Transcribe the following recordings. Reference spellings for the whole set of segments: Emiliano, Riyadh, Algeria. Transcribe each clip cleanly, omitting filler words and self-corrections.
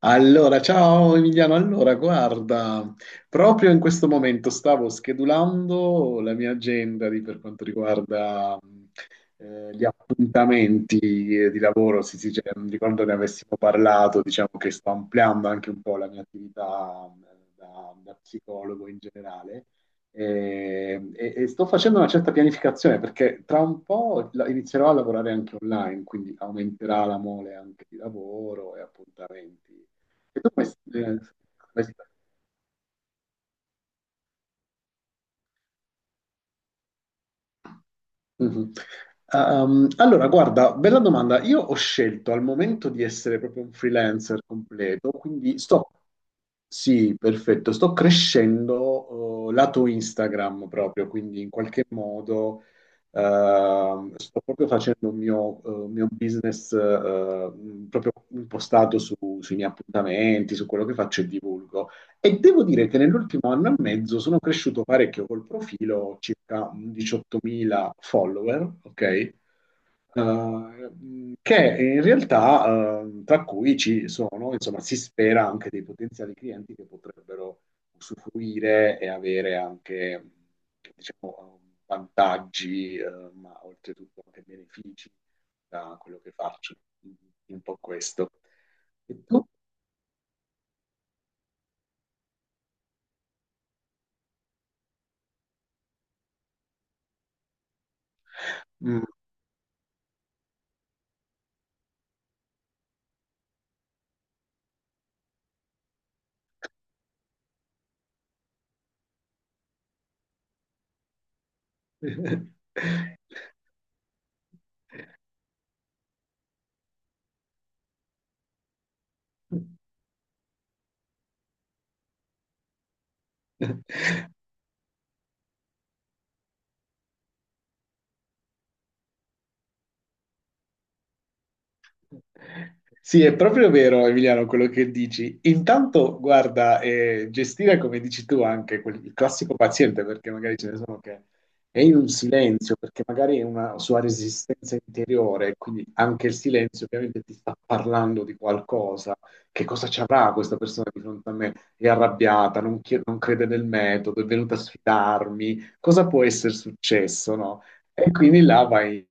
Allora, ciao Emiliano, allora guarda, proprio in questo momento stavo schedulando la mia agenda per quanto riguarda gli appuntamenti di lavoro, sì, sì, cioè, non ricordo ne avessimo parlato, diciamo che sto ampliando anche un po' la mia attività da psicologo in generale. E sto facendo una certa pianificazione perché tra un po' inizierò a lavorare anche online, quindi aumenterà la mole anche di lavoro e appuntamenti. E tu come, come stai? Mhm. Allora, guarda, bella domanda. Io ho scelto al momento di essere proprio un freelancer completo, quindi sto, sì, perfetto, sto crescendo, lato Instagram proprio, quindi in qualche modo, sto proprio facendo un mio business, proprio impostato sui miei appuntamenti, su quello che faccio e divulgo. E devo dire che nell'ultimo anno e mezzo sono cresciuto parecchio col profilo, ho circa 18.000 follower, ok? Che in realtà, tra cui ci sono, insomma, si spera anche dei potenziali clienti che potrebbero usufruire e avere anche, diciamo, vantaggi, ma oltretutto anche benefici da quello che faccio. Un po' questo. E tu? Mm. Sì, è proprio vero, Emiliano, quello che dici. Intanto, guarda, gestire, come dici tu, anche il classico paziente, perché magari ce ne sono che è in un silenzio, perché magari è una sua resistenza interiore, quindi anche il silenzio ovviamente ti sta parlando di qualcosa. Che cosa ci avrà questa persona di fronte a me? È arrabbiata, non, non crede nel metodo, è venuta a sfidarmi. Cosa può essere successo, no? E quindi là vai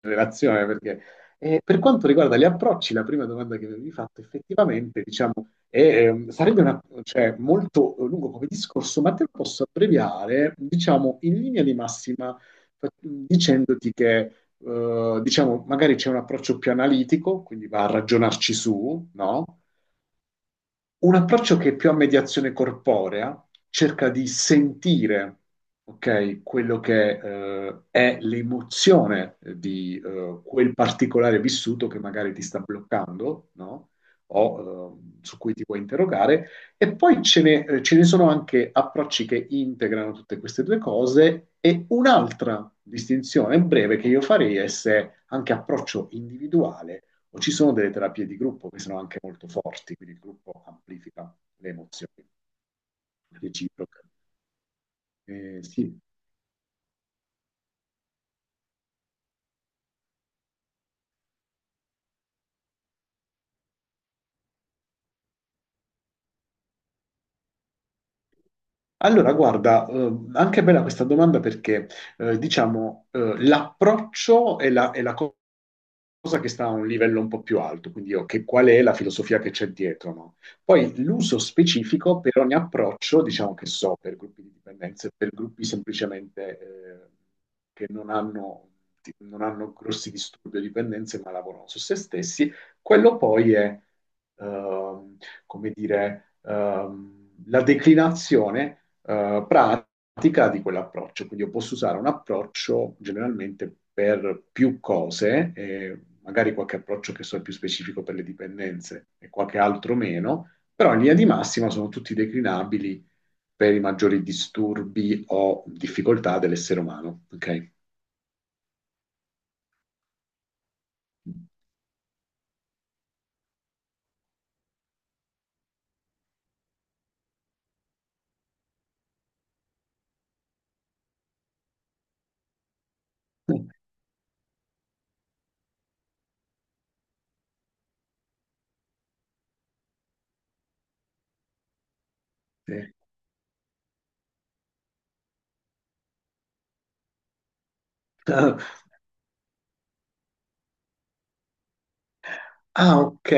relazione, perché per quanto riguarda gli approcci, la prima domanda che mi avevi fatto effettivamente, diciamo, è, sarebbe cioè, molto lungo come discorso, ma te lo posso abbreviare, diciamo, in linea di massima, dicendoti che, diciamo, magari c'è un approccio più analitico, quindi va a ragionarci su, no? Un approccio che è più a mediazione corporea cerca di sentire, ok, quello che è l'emozione di quel particolare vissuto che magari ti sta bloccando, no? O su cui ti puoi interrogare. E poi ce ne sono anche approcci che integrano tutte queste due cose. E un'altra distinzione breve che io farei è se anche approccio individuale o ci sono delle terapie di gruppo che sono anche molto forti, quindi il gruppo amplifica le emozioni reciproche. Sì. Allora, guarda, anche bella questa domanda perché, diciamo, l'approccio e la cosa che sta a un livello un po' più alto, quindi io, qual è la filosofia che c'è dietro, no? Poi l'uso specifico per ogni approccio, diciamo che so, per gruppi di dipendenze, per gruppi semplicemente che non hanno, non hanno grossi disturbi o dipendenze, ma lavorano su se stessi, quello poi è, ehm, come dire, la declinazione pratica di quell'approccio. Quindi io posso usare un approccio generalmente per più cose, magari qualche approccio che so è più specifico per le dipendenze e qualche altro meno, però in linea di massima sono tutti declinabili per i maggiori disturbi o difficoltà dell'essere umano. Ok? Sì. Ah, ok.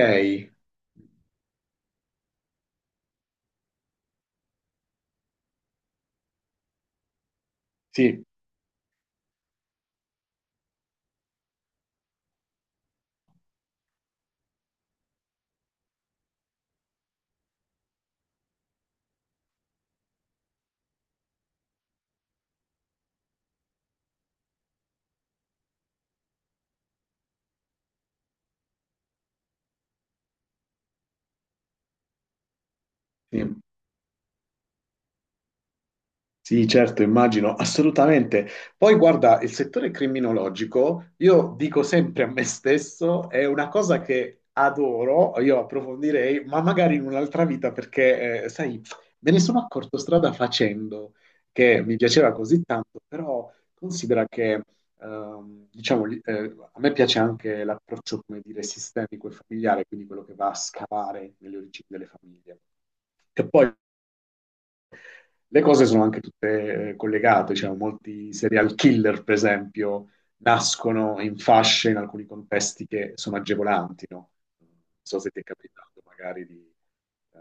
Sì, sì. Sì, certo, immagino, assolutamente. Poi guarda, il settore criminologico, io dico sempre a me stesso, è una cosa che adoro, io approfondirei, ma magari in un'altra vita, perché, sai, me ne sono accorto strada facendo, che mi piaceva così tanto, però considera che, diciamo, a me piace anche l'approccio, come dire, sistemico e familiare, quindi quello che va a scavare nelle origini delle famiglie. Che poi le cose sono anche tutte collegate, cioè molti serial killer, per esempio, nascono in fasce in alcuni contesti che sono agevolanti, no? Non so se ti è capitato magari di... eh,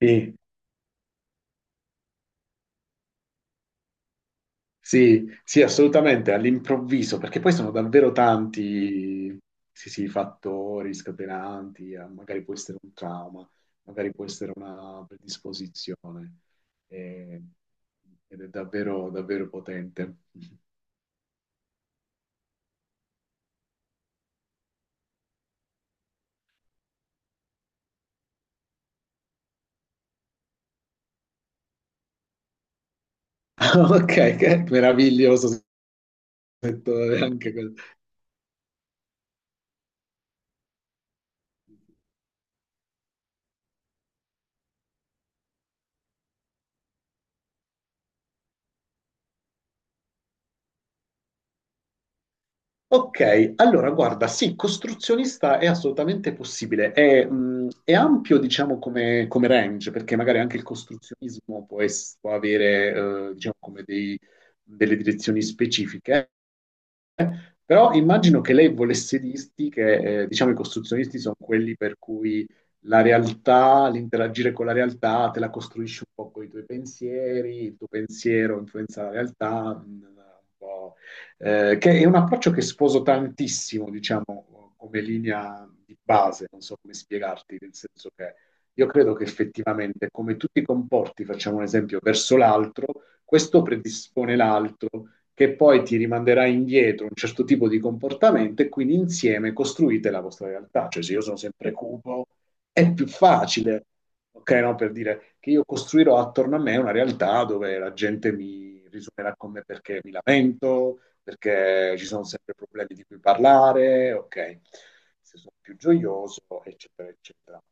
Sì, sì, sì, assolutamente, all'improvviso, perché poi sono davvero tanti, sì, sì, fattori scatenanti, magari può essere un trauma, magari può essere una predisposizione, eh, ed è davvero, davvero potente. Ok, che meraviglioso settore anche quello. Ok, allora guarda, sì, costruzionista è assolutamente possibile, è ampio diciamo come, come range, perché magari anche il costruzionismo può, può avere diciamo come delle direzioni specifiche. Però immagino che lei volesse dirti che, diciamo, i costruzionisti sono quelli per cui la realtà, l'interagire con la realtà, te la costruisci un po' con i tuoi pensieri, il tuo pensiero influenza la realtà, mm, un po', che è un approccio che sposo tantissimo, diciamo, come linea di base, non so come spiegarti, nel senso che io credo che effettivamente come tu ti comporti, facciamo un esempio, verso l'altro, questo predispone l'altro che poi ti rimanderà indietro un certo tipo di comportamento e quindi insieme costruite la vostra realtà. Cioè se io sono sempre cupo, è più facile, ok? No? Per dire che io costruirò attorno a me una realtà dove la gente mi risuonerà con me perché mi lamento, perché ci sono sempre problemi di cui parlare, ok, se sono più gioioso, eccetera, eccetera.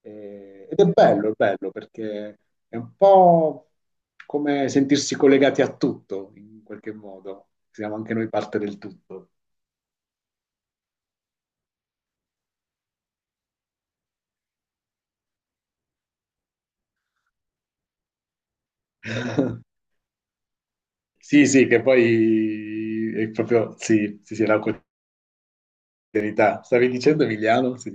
Ed è bello perché è un po' come sentirsi collegati a tutto, in qualche modo. Siamo anche noi parte del tutto. Sì, sì, che poi è proprio, sì, sì, sì, la quotidianità. Stavi dicendo Emiliano? Sì,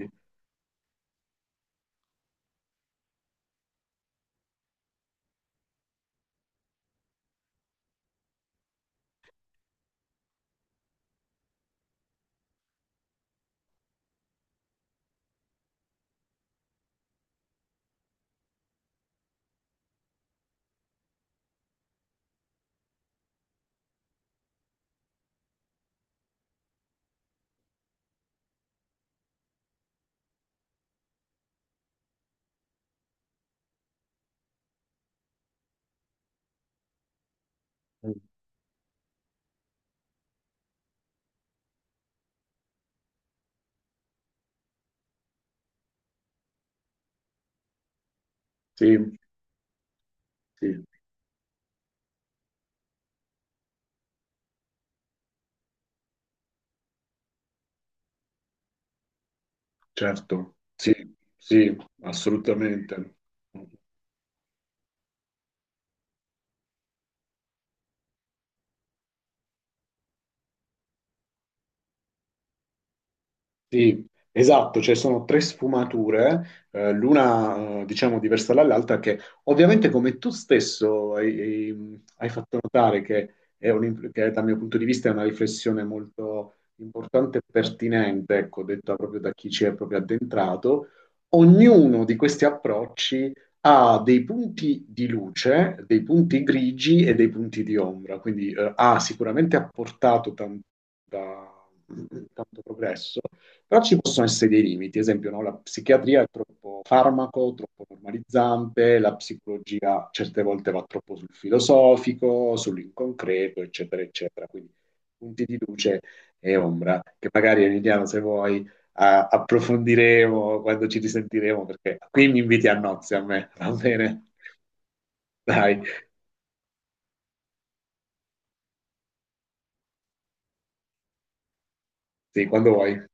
sì, sì, sì, certo, sì, sì, assolutamente. Sì, esatto, cioè sono tre sfumature, l'una diciamo diversa dall'altra, che ovviamente come tu stesso hai fatto notare che, che dal mio punto di vista è una riflessione molto importante e pertinente, ecco, detta proprio da chi ci è proprio addentrato, ognuno di questi approcci ha dei punti di luce, dei punti grigi e dei punti di ombra, quindi ha sicuramente apportato da- tanto progresso però ci possono essere dei limiti, ad esempio, no, la psichiatria è troppo farmaco, troppo normalizzante, la psicologia certe volte va troppo sul filosofico, sull'inconcreto, eccetera, eccetera. Quindi punti di luce e ombra, che magari Emiliano, se vuoi, approfondiremo quando ci risentiremo, perché qui mi inviti a nozze a me, va bene? Dai, sì, quando vuoi.